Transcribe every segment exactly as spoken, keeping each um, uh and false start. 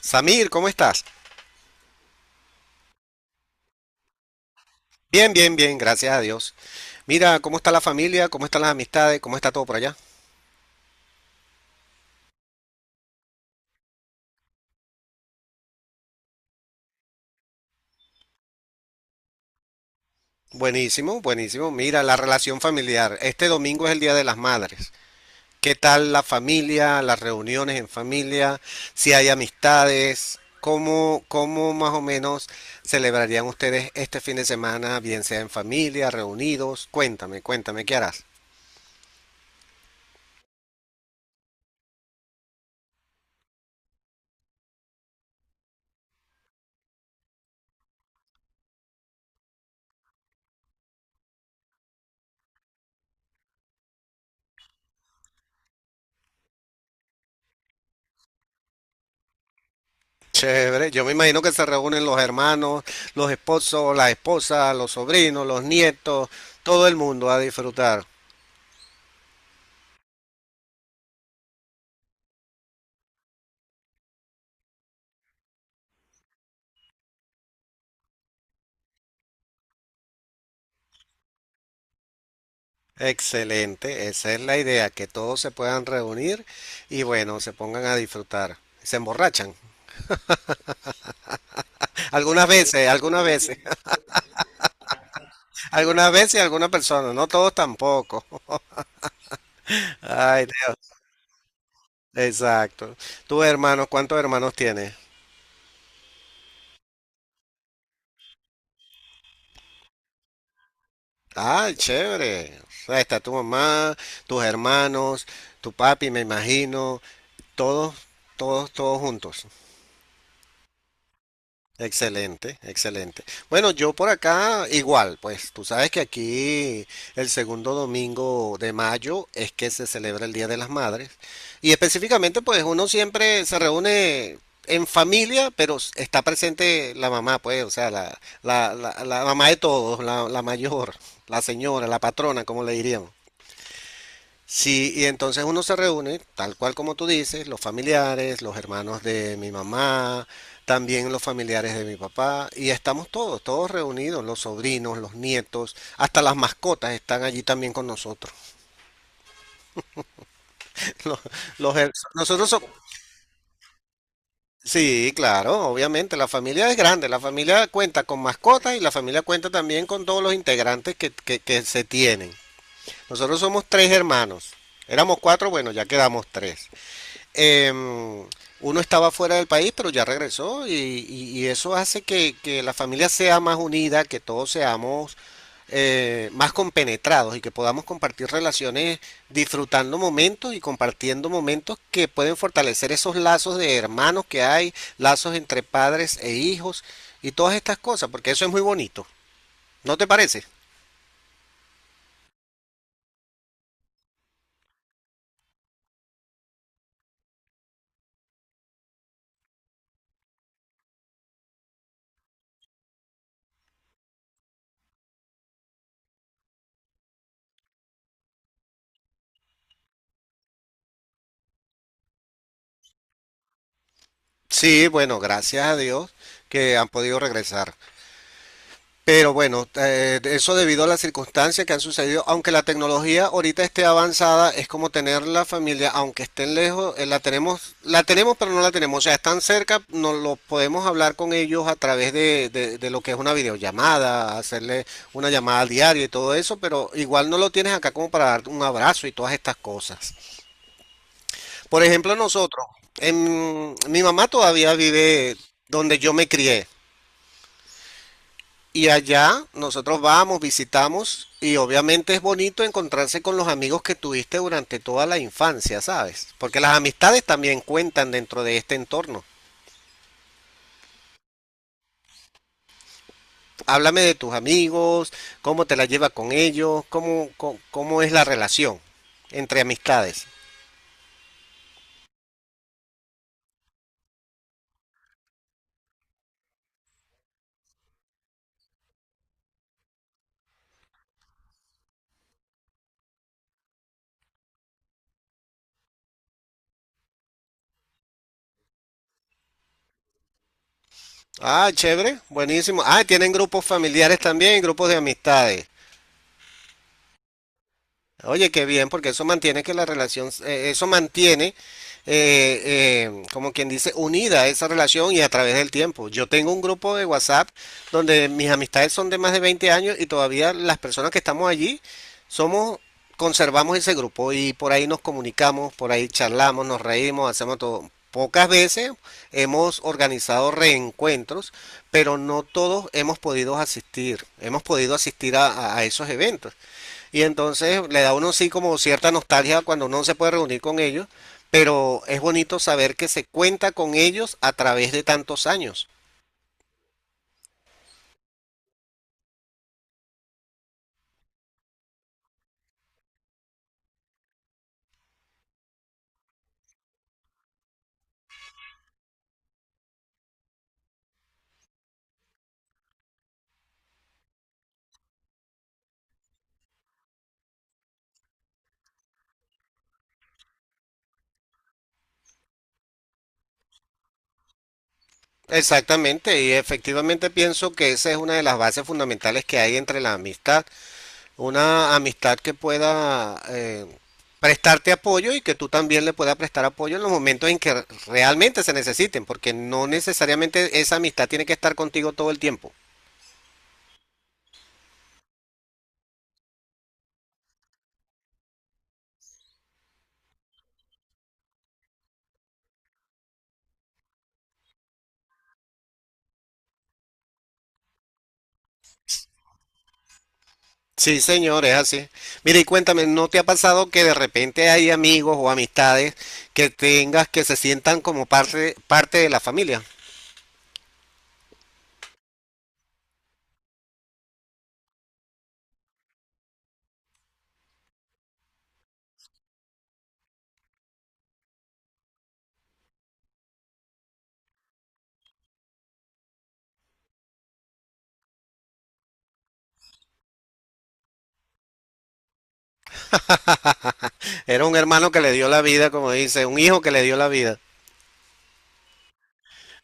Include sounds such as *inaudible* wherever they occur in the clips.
Samir, ¿cómo estás? Bien, bien, bien, gracias a Dios. Mira, ¿cómo está la familia? ¿Cómo están las amistades? ¿Cómo está todo por allá? Buenísimo, buenísimo. Mira, la relación familiar. Este domingo es el Día de las Madres. ¿Qué tal la familia, las reuniones en familia? Si hay amistades, ¿cómo, cómo más o menos celebrarían ustedes este fin de semana, bien sea en familia, reunidos? Cuéntame, cuéntame, ¿qué harás? Chévere, yo me imagino que se reúnen los hermanos, los esposos, las esposas, los sobrinos, los nietos, todo el mundo a disfrutar. Excelente, esa es la idea, que todos se puedan reunir y bueno, se pongan a disfrutar. Se emborrachan. Algunas veces, algunas veces. *laughs* Algunas veces algunas personas, no todos tampoco. *laughs* Ay, Dios, exacto. Tus hermanos, ¿cuántos hermanos tienes? Ay, chévere. O sea, está tu mamá, tus hermanos, tu papi, me imagino. Todos, todos, todos juntos. Excelente, excelente. Bueno, yo por acá igual, pues tú sabes que aquí el segundo domingo de mayo es que se celebra el Día de las Madres y específicamente pues uno siempre se reúne en familia, pero s- está presente la mamá, pues, o sea, la, la, la, la mamá de todos, la, la mayor, la señora, la patrona, como le diríamos. Sí, y entonces uno se reúne, tal cual como tú dices, los familiares, los hermanos de mi mamá, también los familiares de mi papá, y estamos todos, todos reunidos, los sobrinos, los nietos, hasta las mascotas están allí también con nosotros. *laughs* Los, los her- nosotros somos, sí, claro, obviamente, la familia es grande, la familia cuenta con mascotas y la familia cuenta también con todos los integrantes que, que que se tienen. Nosotros somos tres hermanos, éramos cuatro, bueno, ya quedamos tres. em, Uno estaba fuera del país, pero ya regresó y, y- y eso hace que, que la familia sea más unida, que todos seamos eh, más compenetrados y que podamos compartir relaciones disfrutando momentos y compartiendo momentos que pueden fortalecer esos lazos de hermanos que hay, lazos entre padres e hijos y todas estas cosas, porque eso es muy bonito. ¿No te parece? Sí, bueno, gracias a Dios que han podido regresar. Pero bueno, eh, eso debido a las circunstancias que han sucedido, aunque la tecnología ahorita esté avanzada, es como tener la familia, aunque estén lejos. Eh, la tenemos, la tenemos, pero no la tenemos. O sea, están cerca, nos lo podemos hablar con ellos a través de, de- de lo que es una videollamada, hacerle una llamada diaria y todo eso, pero igual no lo tienes acá como para darte un abrazo y todas estas cosas. Por ejemplo, nosotros, en, mi mamá todavía vive donde yo me crié. Y allá nosotros vamos, visitamos y obviamente es bonito encontrarse con los amigos que tuviste durante toda la infancia, ¿sabes? Porque las amistades también cuentan dentro de este entorno. Háblame de tus amigos, cómo te la llevas con ellos, cómo, cómo, cómo es la relación entre amistades. Ah, chévere, buenísimo. Ah, tienen grupos familiares también, grupos de amistades. Oye, qué bien, porque eso mantiene que la relación, eh, eso mantiene, eh, eh, como quien dice, unida esa relación y a través del tiempo. Yo tengo un grupo de WhatsApp donde mis amistades son de más de veinte años y todavía las personas que estamos allí somos, conservamos ese grupo y por ahí nos comunicamos, por ahí charlamos, nos reímos, hacemos todo. Pocas veces hemos organizado reencuentros, pero no todos hemos podido asistir, hemos podido asistir a a- a esos eventos. Y entonces le da a uno sí como cierta nostalgia cuando uno se puede reunir con ellos, pero es bonito saber que se cuenta con ellos a través de tantos años. Exactamente, y efectivamente pienso que esa es una de las bases fundamentales que hay entre la amistad, una amistad que pueda eh, prestarte apoyo y que tú también le puedas prestar apoyo en los momentos en que realmente se necesiten, porque no necesariamente esa amistad tiene que estar contigo todo el tiempo. Sí, señor, es así. Mira, y cuéntame, ¿no te ha pasado que de repente hay amigos o amistades que tengas que se sientan como parte, parte de la familia? Era un hermano que le dio la vida, como dice, un hijo que le dio la vida.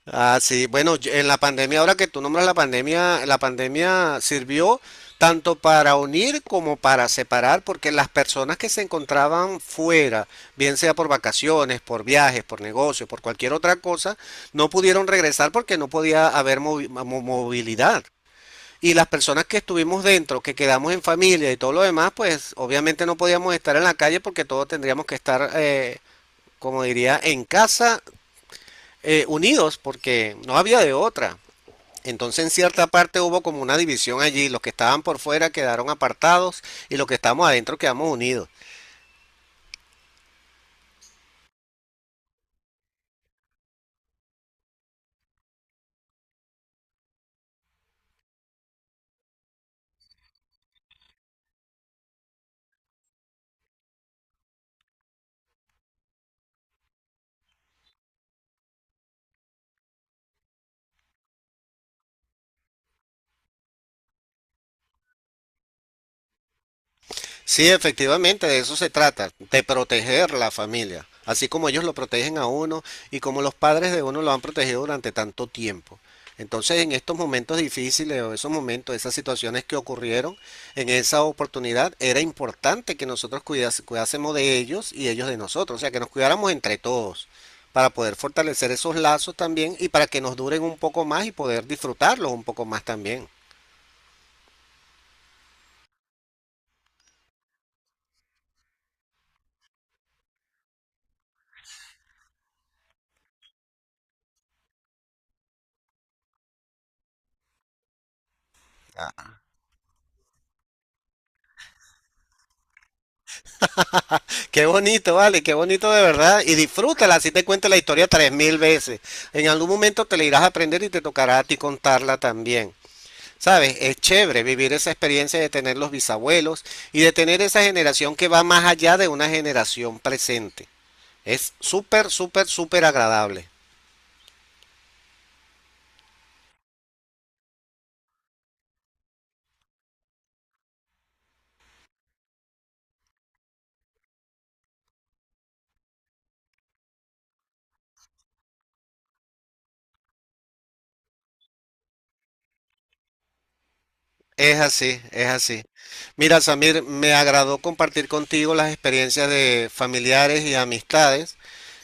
Ah, sí, bueno, yo- en la pandemia, ahora que tú nombras la pandemia, la pandemia sirvió tanto para unir como para separar, porque las personas que se encontraban fuera, bien sea por vacaciones, por viajes, por negocio, por cualquier otra cosa, no pudieron regresar porque no podía haber movi- mo- movilidad. Y las personas que estuvimos dentro, que quedamos en familia y todo lo demás, pues obviamente no podíamos estar en la calle porque todos tendríamos que estar, eh, como diría, en casa, eh, unidos porque no había de otra. Entonces en cierta parte hubo como una división allí, los que estaban por fuera quedaron apartados y los que estamos adentro quedamos unidos. Sí, efectivamente, de eso se trata, de proteger la familia, así como ellos lo protegen a uno y como los padres de uno lo han protegido durante tanto tiempo. Entonces, en estos momentos difíciles o esos momentos, esas situaciones que ocurrieron en esa oportunidad, era importante que nosotros cuidas- cuidásemos de ellos y ellos de nosotros, o sea, que nos cuidáramos entre todos para poder fortalecer esos lazos también y para que nos duren un poco más y poder disfrutarlos un poco más también. Qué bonito, vale, qué bonito de verdad. Y disfrútala, así te cuento la historia tres mil veces. En algún momento te la irás a aprender y te tocará a ti contarla también. ¿Sabes? Es chévere vivir esa experiencia de tener los bisabuelos y de tener esa generación que va más allá de una generación presente. Es súper, súper, súper agradable. Es así, es así. Mira, Samir, me agradó compartir contigo las experiencias de familiares y amistades.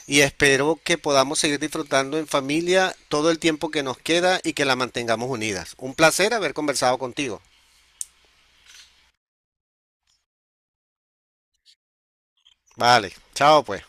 Y espero que podamos seguir disfrutando en familia todo el tiempo que nos queda y que la mantengamos unidas. Un placer haber conversado contigo. Vale, chao pues.